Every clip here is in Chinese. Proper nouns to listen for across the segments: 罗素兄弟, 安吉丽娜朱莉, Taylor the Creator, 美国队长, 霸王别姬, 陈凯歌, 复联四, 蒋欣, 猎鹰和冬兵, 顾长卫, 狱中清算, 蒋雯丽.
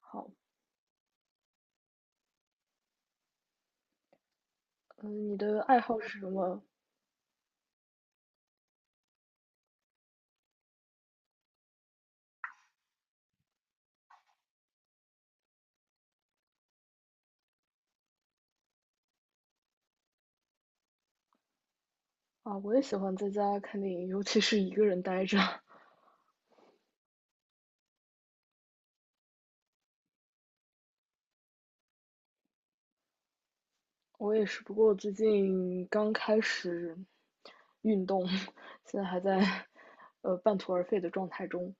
好，嗯，你的爱好是什么啊？我也喜欢在家看电影，尤其是一个人呆着。我也是，不过我最近刚开始运动，现在还在半途而废的状态中。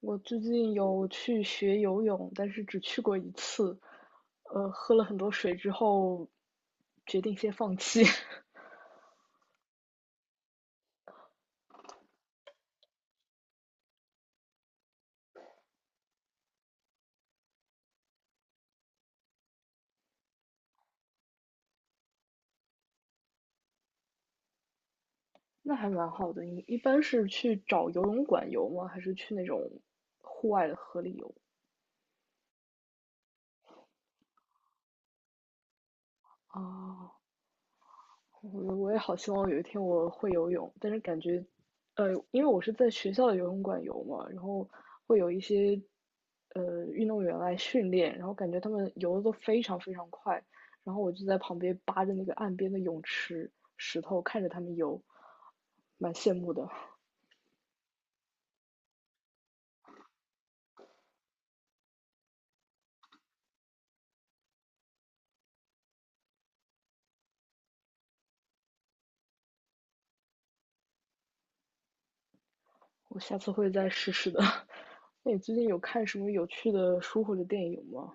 我最近有去学游泳，但是只去过一次，喝了很多水之后，决定先放弃。那还蛮好的。你一般是去找游泳馆游吗？还是去那种户外的河里游？啊，我也好希望有一天我会游泳，但是感觉，因为我是在学校的游泳馆游嘛，然后会有一些运动员来训练，然后感觉他们游的都非常非常快，然后我就在旁边扒着那个岸边的泳池石头看着他们游，蛮羡慕的。我下次会再试试的。那你最近有看什么有趣的书或者电影吗？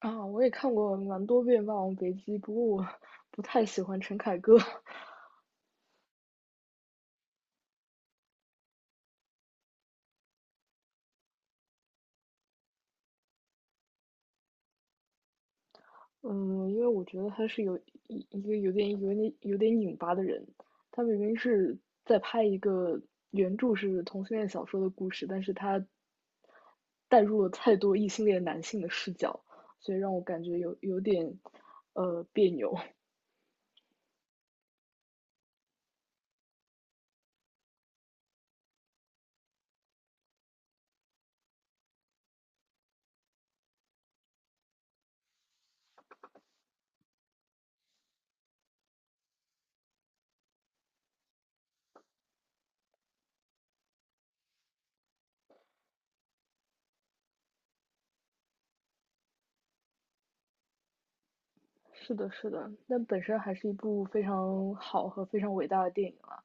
啊，我也看过蛮多遍《霸王别姬》，不过我 不太喜欢陈凯歌。嗯，因为我觉得他是有一个有点拧巴的人，他明明是在拍一个原著是同性恋小说的故事，但是他带入了太多异性恋男性的视角，所以让我感觉有点别扭。是的，是的，但本身还是一部非常好和非常伟大的电影啊。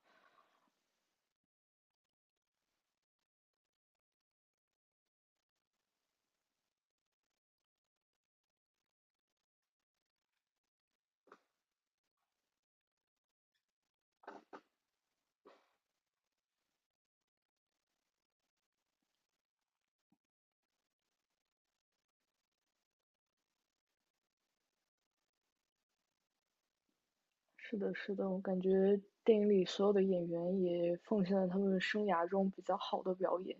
是的，是的，我感觉电影里所有的演员也奉献了他们生涯中比较好的表演，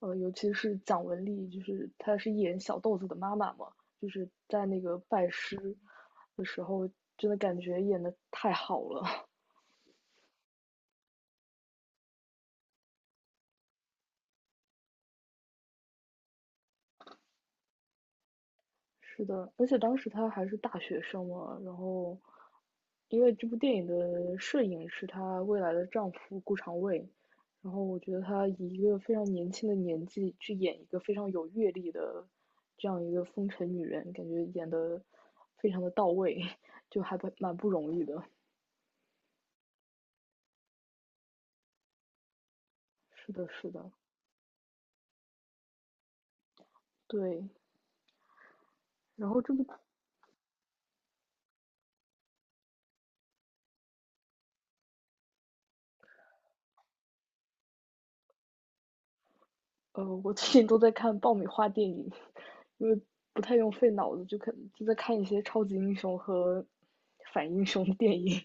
呃，尤其是蒋雯丽，就是她是演小豆子的妈妈嘛，就是在那个拜师的时候，真的感觉演的太好了。是的，而且当时她还是大学生嘛，然后，因为这部电影的摄影是她未来的丈夫顾长卫，然后我觉得她以一个非常年轻的年纪去演一个非常有阅历的这样一个风尘女人，感觉演的非常的到位，就还蛮不容易的。是的，是的，对。然后这部我最近都在看爆米花电影，因为不太用费脑子，就在看一些超级英雄和反英雄的电影。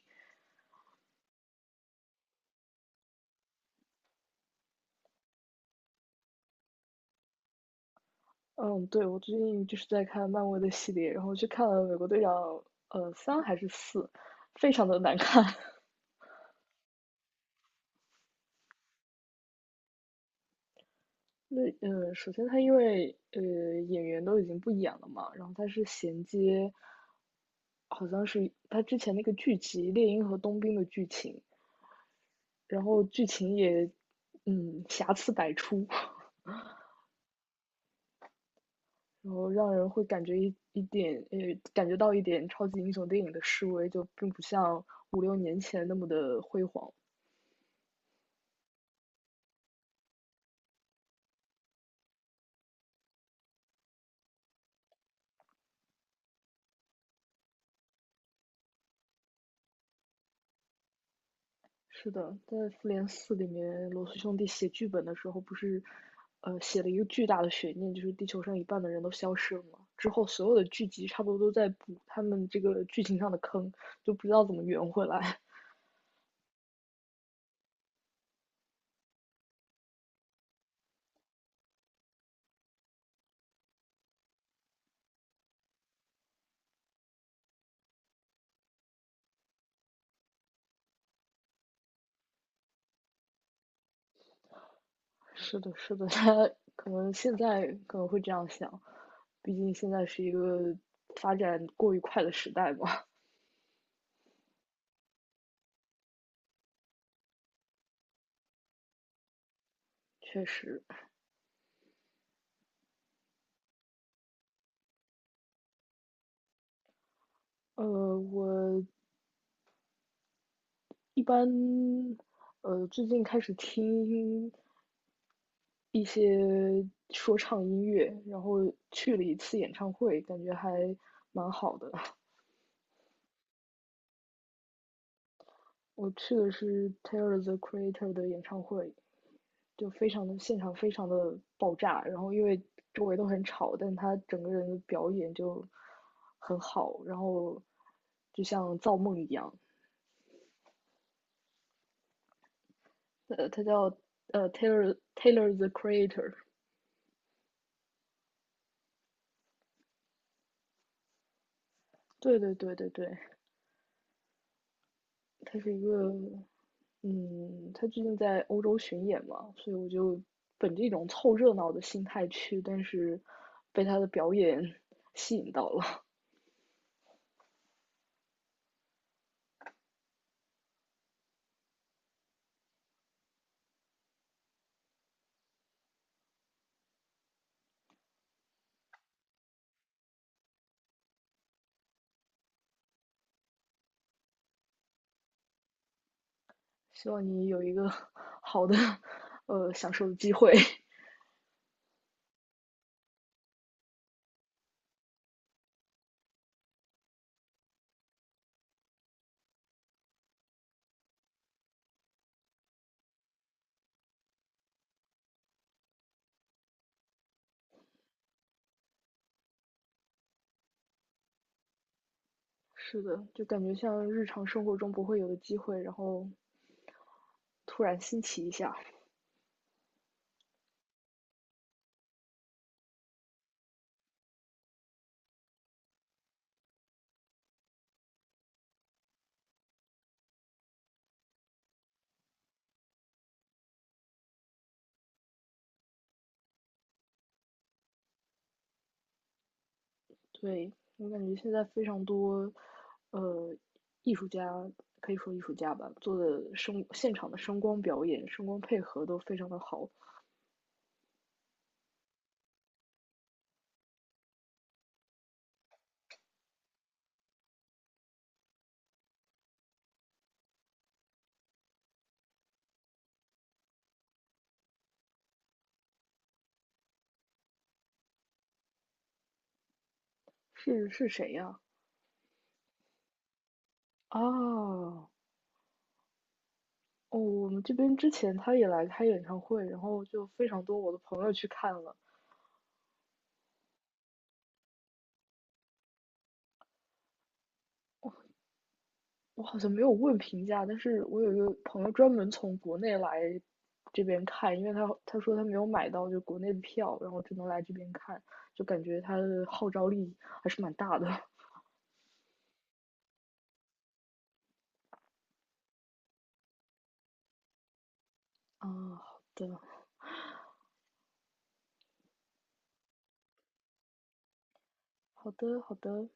嗯，对，我最近就是在看漫威的系列，然后去看了《美国队长》三还是四，非常的难看。那首先他因为演员都已经不演了嘛，然后他是衔接，好像是他之前那个剧集《猎鹰和冬兵》的剧情，然后剧情也瑕疵百出。然后让人会感觉一一点，呃，感觉到一点超级英雄电影的示威，就并不像五六年前那么的辉煌。是的，在《复联四》里面，罗素兄弟写剧本的时候，不是，呃，写了一个巨大的悬念，就是地球上一半的人都消失了嘛。之后所有的剧集差不多都在补他们这个剧情上的坑，就不知道怎么圆回来。是的，是的，他现在可能会这样想，毕竟现在是一个发展过于快的时代嘛。确实，我一般，最近开始听一些说唱音乐，然后去了一次演唱会，感觉还蛮好的。我去的是 Taylor the Creator 的演唱会，就非常的现场非常的爆炸，然后因为周围都很吵，但他整个人的表演就很好，然后就像造梦一样。他叫Taylor the Creator。对对对对对，他是一个，嗯，他最近在欧洲巡演嘛，所以我就本着一种凑热闹的心态去，但是被他的表演 吸引到了。希望你有一个 好的，享受的机会。是的，就感觉像日常生活中不会有的机会，然后突然新奇一下。对，我感觉现在非常多，呃，艺术家可以说艺术家吧，做的现场的声光表演、声光配合都非常的好。是是谁呀？啊，哦，我们这边之前他也来开演唱会，然后就非常多我的朋友去看了。我好像没有问评价，但是我有一个朋友专门从国内来这边看，因为他说他没有买到就国内的票，然后只能来这边看，就感觉他的号召力还是蛮大的。哦，好的，好的，好的。